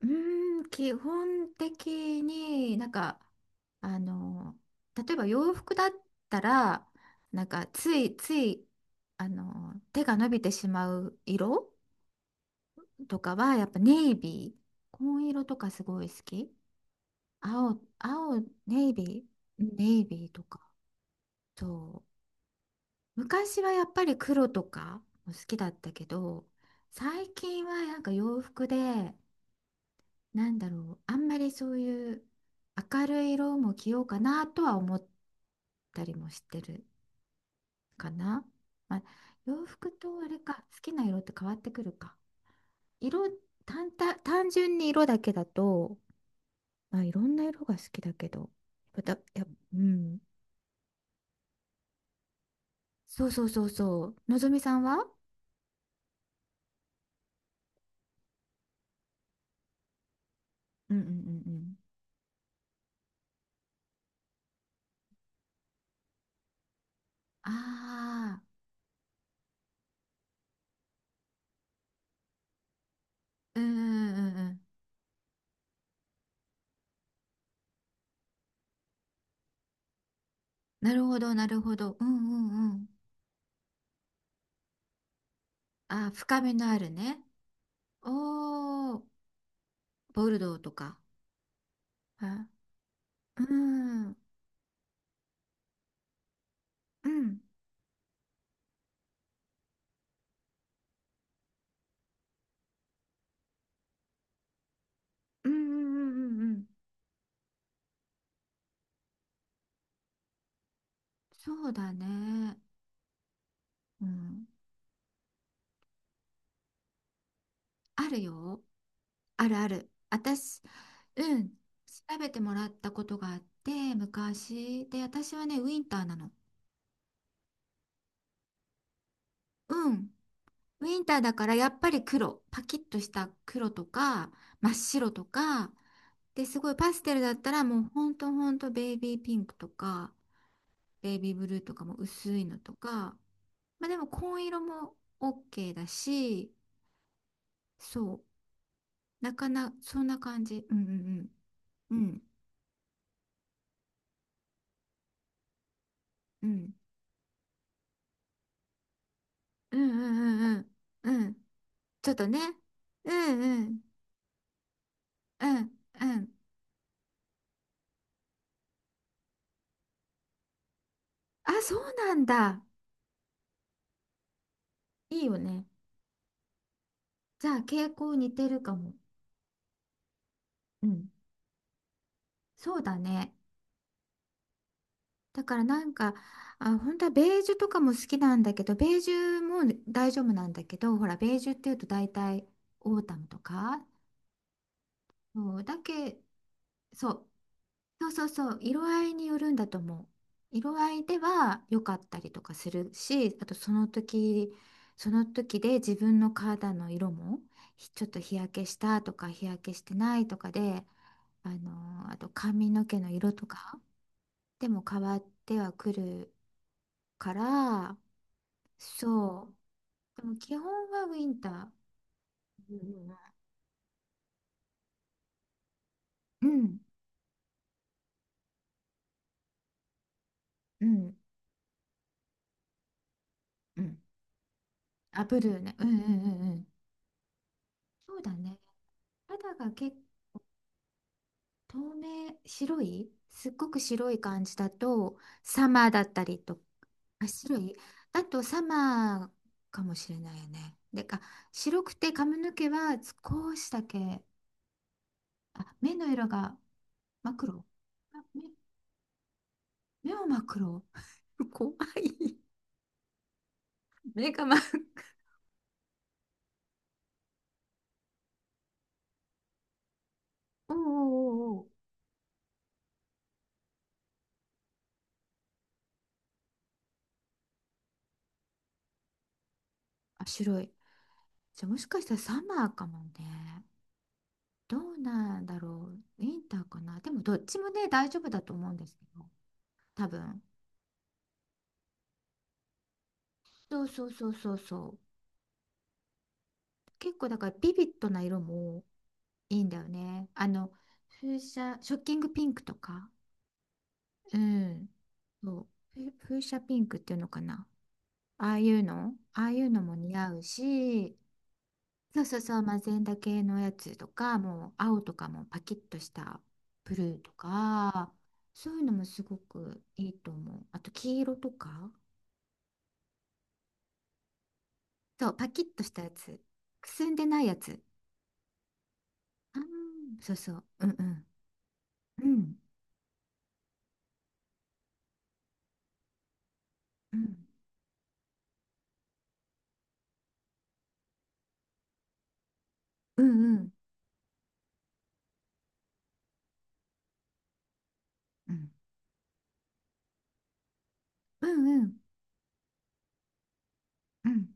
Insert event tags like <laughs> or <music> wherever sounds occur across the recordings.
うーん、基本的になんかあの、例えば洋服だったら、なんかついついあの、手が伸びてしまう色とかはやっぱネイビー、紺色とかすごい好き。青、青、ネイビー、うんネイビーとか。そう、昔はやっぱり黒とかも好きだったけど、最近はなんか洋服でなんだろう、あんまりそういう明るい色も着ようかなとは思ったりもしてるかな。まあ、洋服とあれか、好きな色って変わってくるか。色、単純に色だけだと、まあ、いろんな色が好きだけど、やっぱ、うん。そうそうそうそう。のぞみさんは、うんうんうんうん。ああ、うんうんうんうん。なるほど、なるほど。うんうんうん。ああ、深みのあるね。おー、ボルドーとか。え、うん、うん、うん、うん、うん、うん。うん、そうだね。うん。あるよ。あるある。私、うん。調べてもらったことがあって、昔。で、私はね、ウィンターなの。うん。ウィンターだから、やっぱり黒。パキッとした黒とか、真っ白とか。で、すごいパステルだったら、もうほんとほんとベイビーピンクとか、ベイビーブルーとかも薄いのとか。まあでも紺色も OK だし、そう、なかな、そんな感じ。うんうんうん。うんうんうんうんうんうん。ちょっとね。うんうんうんうん。あ、そうなんだ。いいよね。じゃあ傾向似てるかも。うん。そうだね。だからなんか、あ、本当はベージュとかも好きなんだけど、ベージュも大丈夫なんだけど、ほら、ベージュっていうと大体オータムとか、そうだけ、そう。そうそうそう、色合いによるんだと思う。色合いでは良かったりとかするし、あとその時、その時で自分の肌の色もちょっと日焼けしたとか日焼けしてないとかで、あと髪の毛の色とかでも変わってはくるから、そう。でも基本はウィンター。うんうんうん。うんうん。あ、ブルーね。うんうんうんうん、あ、ブルーね、うんうんうんうん、そうだね。肌が透明、白い、すっごく白い感じだと、サマーだったりと、あ、白いだとサマーかもしれないよね。でか、白くて髪の毛は少しだけ、あ、目の色が真っ黒。あ目、目は真っ黒。<laughs> 怖い。目が真っ黒。おうおうおうおう、あ、白い。じゃあもしかしたらサマーかもね。どうなんだろう。ウィンターかな。でもどっちもね、大丈夫だと思うんですけど、多分。そうそうそうそうそう。結構だからビビッドな色もいいんだよね。あの、風車、ショッキングピンクとか。うん。そう。風車ピンクっていうのかな。ああいうのああいうのも似合うし、そうそうそう、マゼンダ系のやつとか、もう青とかもパキッとしたブルーとか、そういうのもすごくいいと思う。あと黄色とか。そう、パキッとしたやつ。くすんでないやつ。あーそうそう。うんうん。うん。うんうんうんうんうんうん。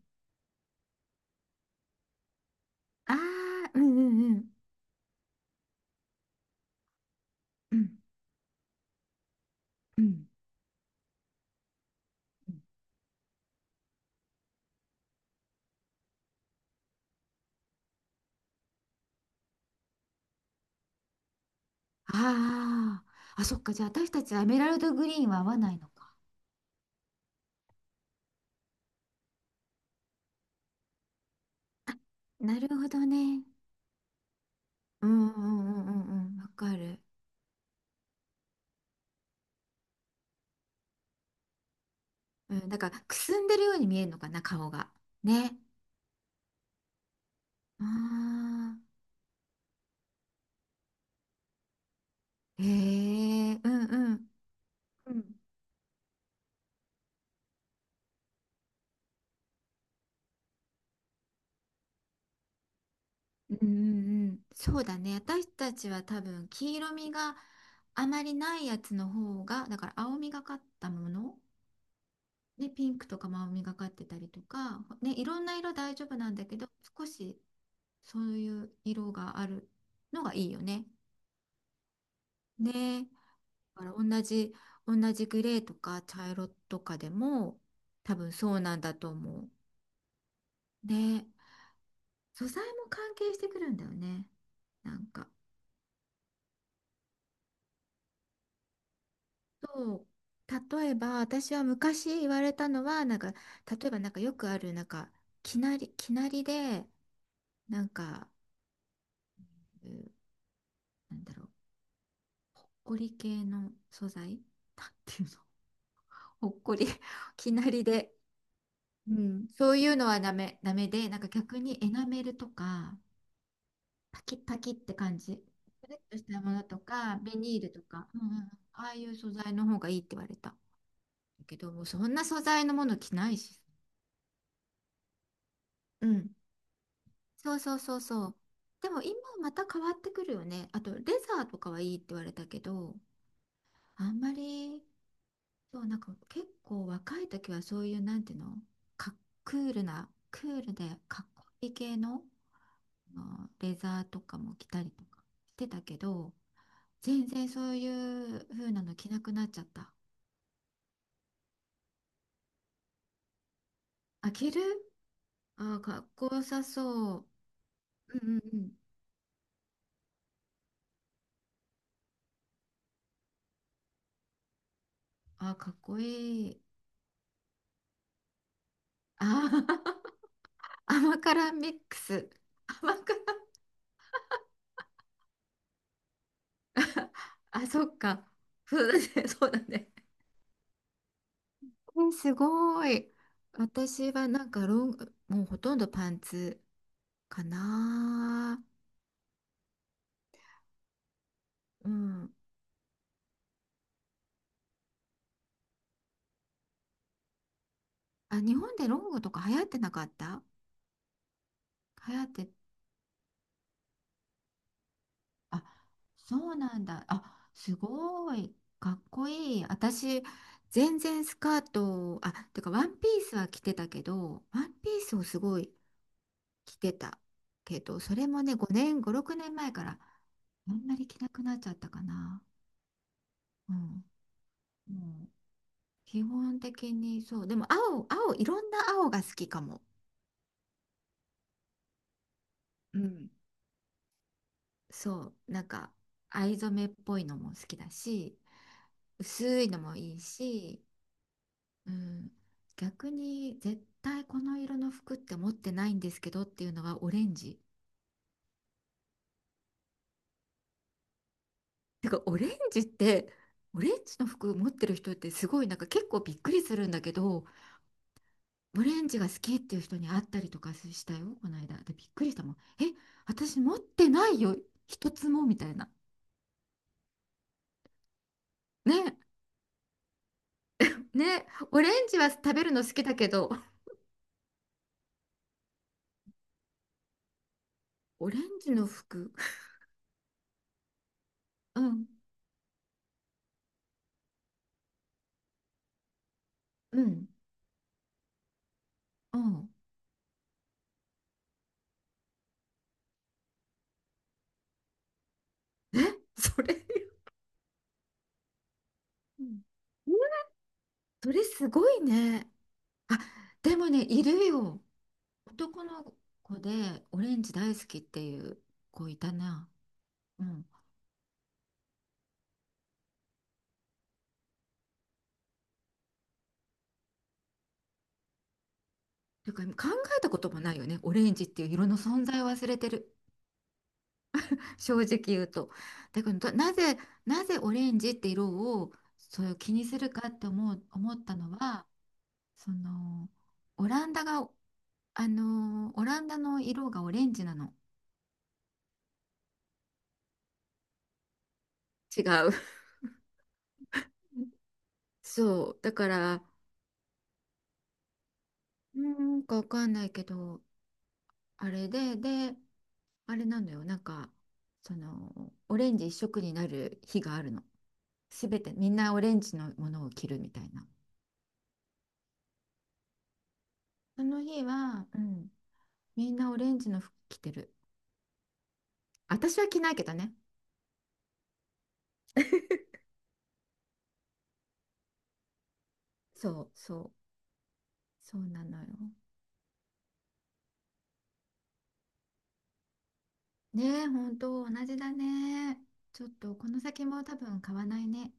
ああ、ーうんうんうんうんうんうん。あー、あそっか、じゃあ私たちはエメラルドグリーンは合わないのか。あ、なるほどね。うんうんうんうん。うん、わかる。うん、だからくすんでるように見えるのかな、顔が。ね。ああ、ーへえ、うんうんうんうんうんうん、そうだね。私たちは多分黄色みがあまりないやつの方が、だから青みがかったもの、ね、ピンクとかも青みがかってたりとか、ね、いろんな色大丈夫なんだけど、少しそういう色があるのがいいよね。ね、だから同じ、同じグレーとか茶色とかでも多分そうなんだと思う。ね、素材も関係してくるんだよね。なんか。そう、例えば私は昔言われたのはなんか、例えばなんかよくあるなんか、きなり、きなりでなんか、う、なんだろう、ほっこり系の素材、なんていうの。 <laughs> ほっこり、 <laughs> きなりで、うん、そういうのはダメ、ダメでなんか逆にエナメルとか、パキッパキッって感じ、プレッとしたものとかビニールとか、うんうんうん、ああいう素材の方がいいって言われた。だけどもうそんな素材のもの着ないし。うん。そうそうそうそう。でも今また変わってくるよね。あとレザーとかはいいって言われたけど、あんまり、そう、なんか結構若い時はそういうなんていうの、か、クールな、クールでかっこいい系の、あのレザーとかも着たりとかしてたけど、全然そういう風なの着なくなっちゃった。あ、着る、あー、かっこよさそう。うんうんうん。あー、かっこいい。あー。 <laughs>、甘辛ミックス。甘辛、あ、そっか。<laughs> そうだね。そうだね。すごい。私はなんかロング、もうほとんどパンツかな。うん。あ、日本でロングとか流行ってなかった。流行って、あ、そうなんだ。あ、すごい。かっこいい。私、全然スカート、あ、てかワンピースは着てたけど、ワンピースをすごい着てたけど、それもね、5年、5、6年前からあんまり着なくなっちゃったかな。うん、うん、基本的にそう。でも青、青、いろんな青が好きかも。うん、そう。なんか、藍染めっぽいのも好きだし、薄いのもいいし、うん、逆に絶対この色の服って持ってないんですけどっていうのはオレンジ。てか、オレンジって、オレンジの服持ってる人ってすごい、なんか結構びっくりするんだけど、オレンジが好きっていう人に会ったりとかしたよ、この間。で、びっくりしたもん。え、私持ってないよ、一つもみたいな。ね、ね、オレンジは食べるの好きだけど、オレンジの服、うん、うん、うん。え、それ、うん、それすごいね。あ、でもね、いるよ。男の子でオレンジ大好きっていう子いたな。うん。ていうか、考えたこともないよね、オレンジっていう色の存在を忘れてる。正直言うと。だからどなぜ、なぜオレンジって色をそういう気にするかって思う、思ったのは、そのオランダが、あのオランダの色がオレンジなの。違う。そう。だから、うーん、かわかんないけど、あれで、で、あれなのよ。なんか、そのオレンジ一色になる日があるの。すべてみんなオレンジのものを着るみたいな。その日は、うん、みんなオレンジの服着てる。私は着ないけどね。<laughs> そうそうそうなのよ。ねえ、本当同じだね。ちょっとこの先も多分買わないね。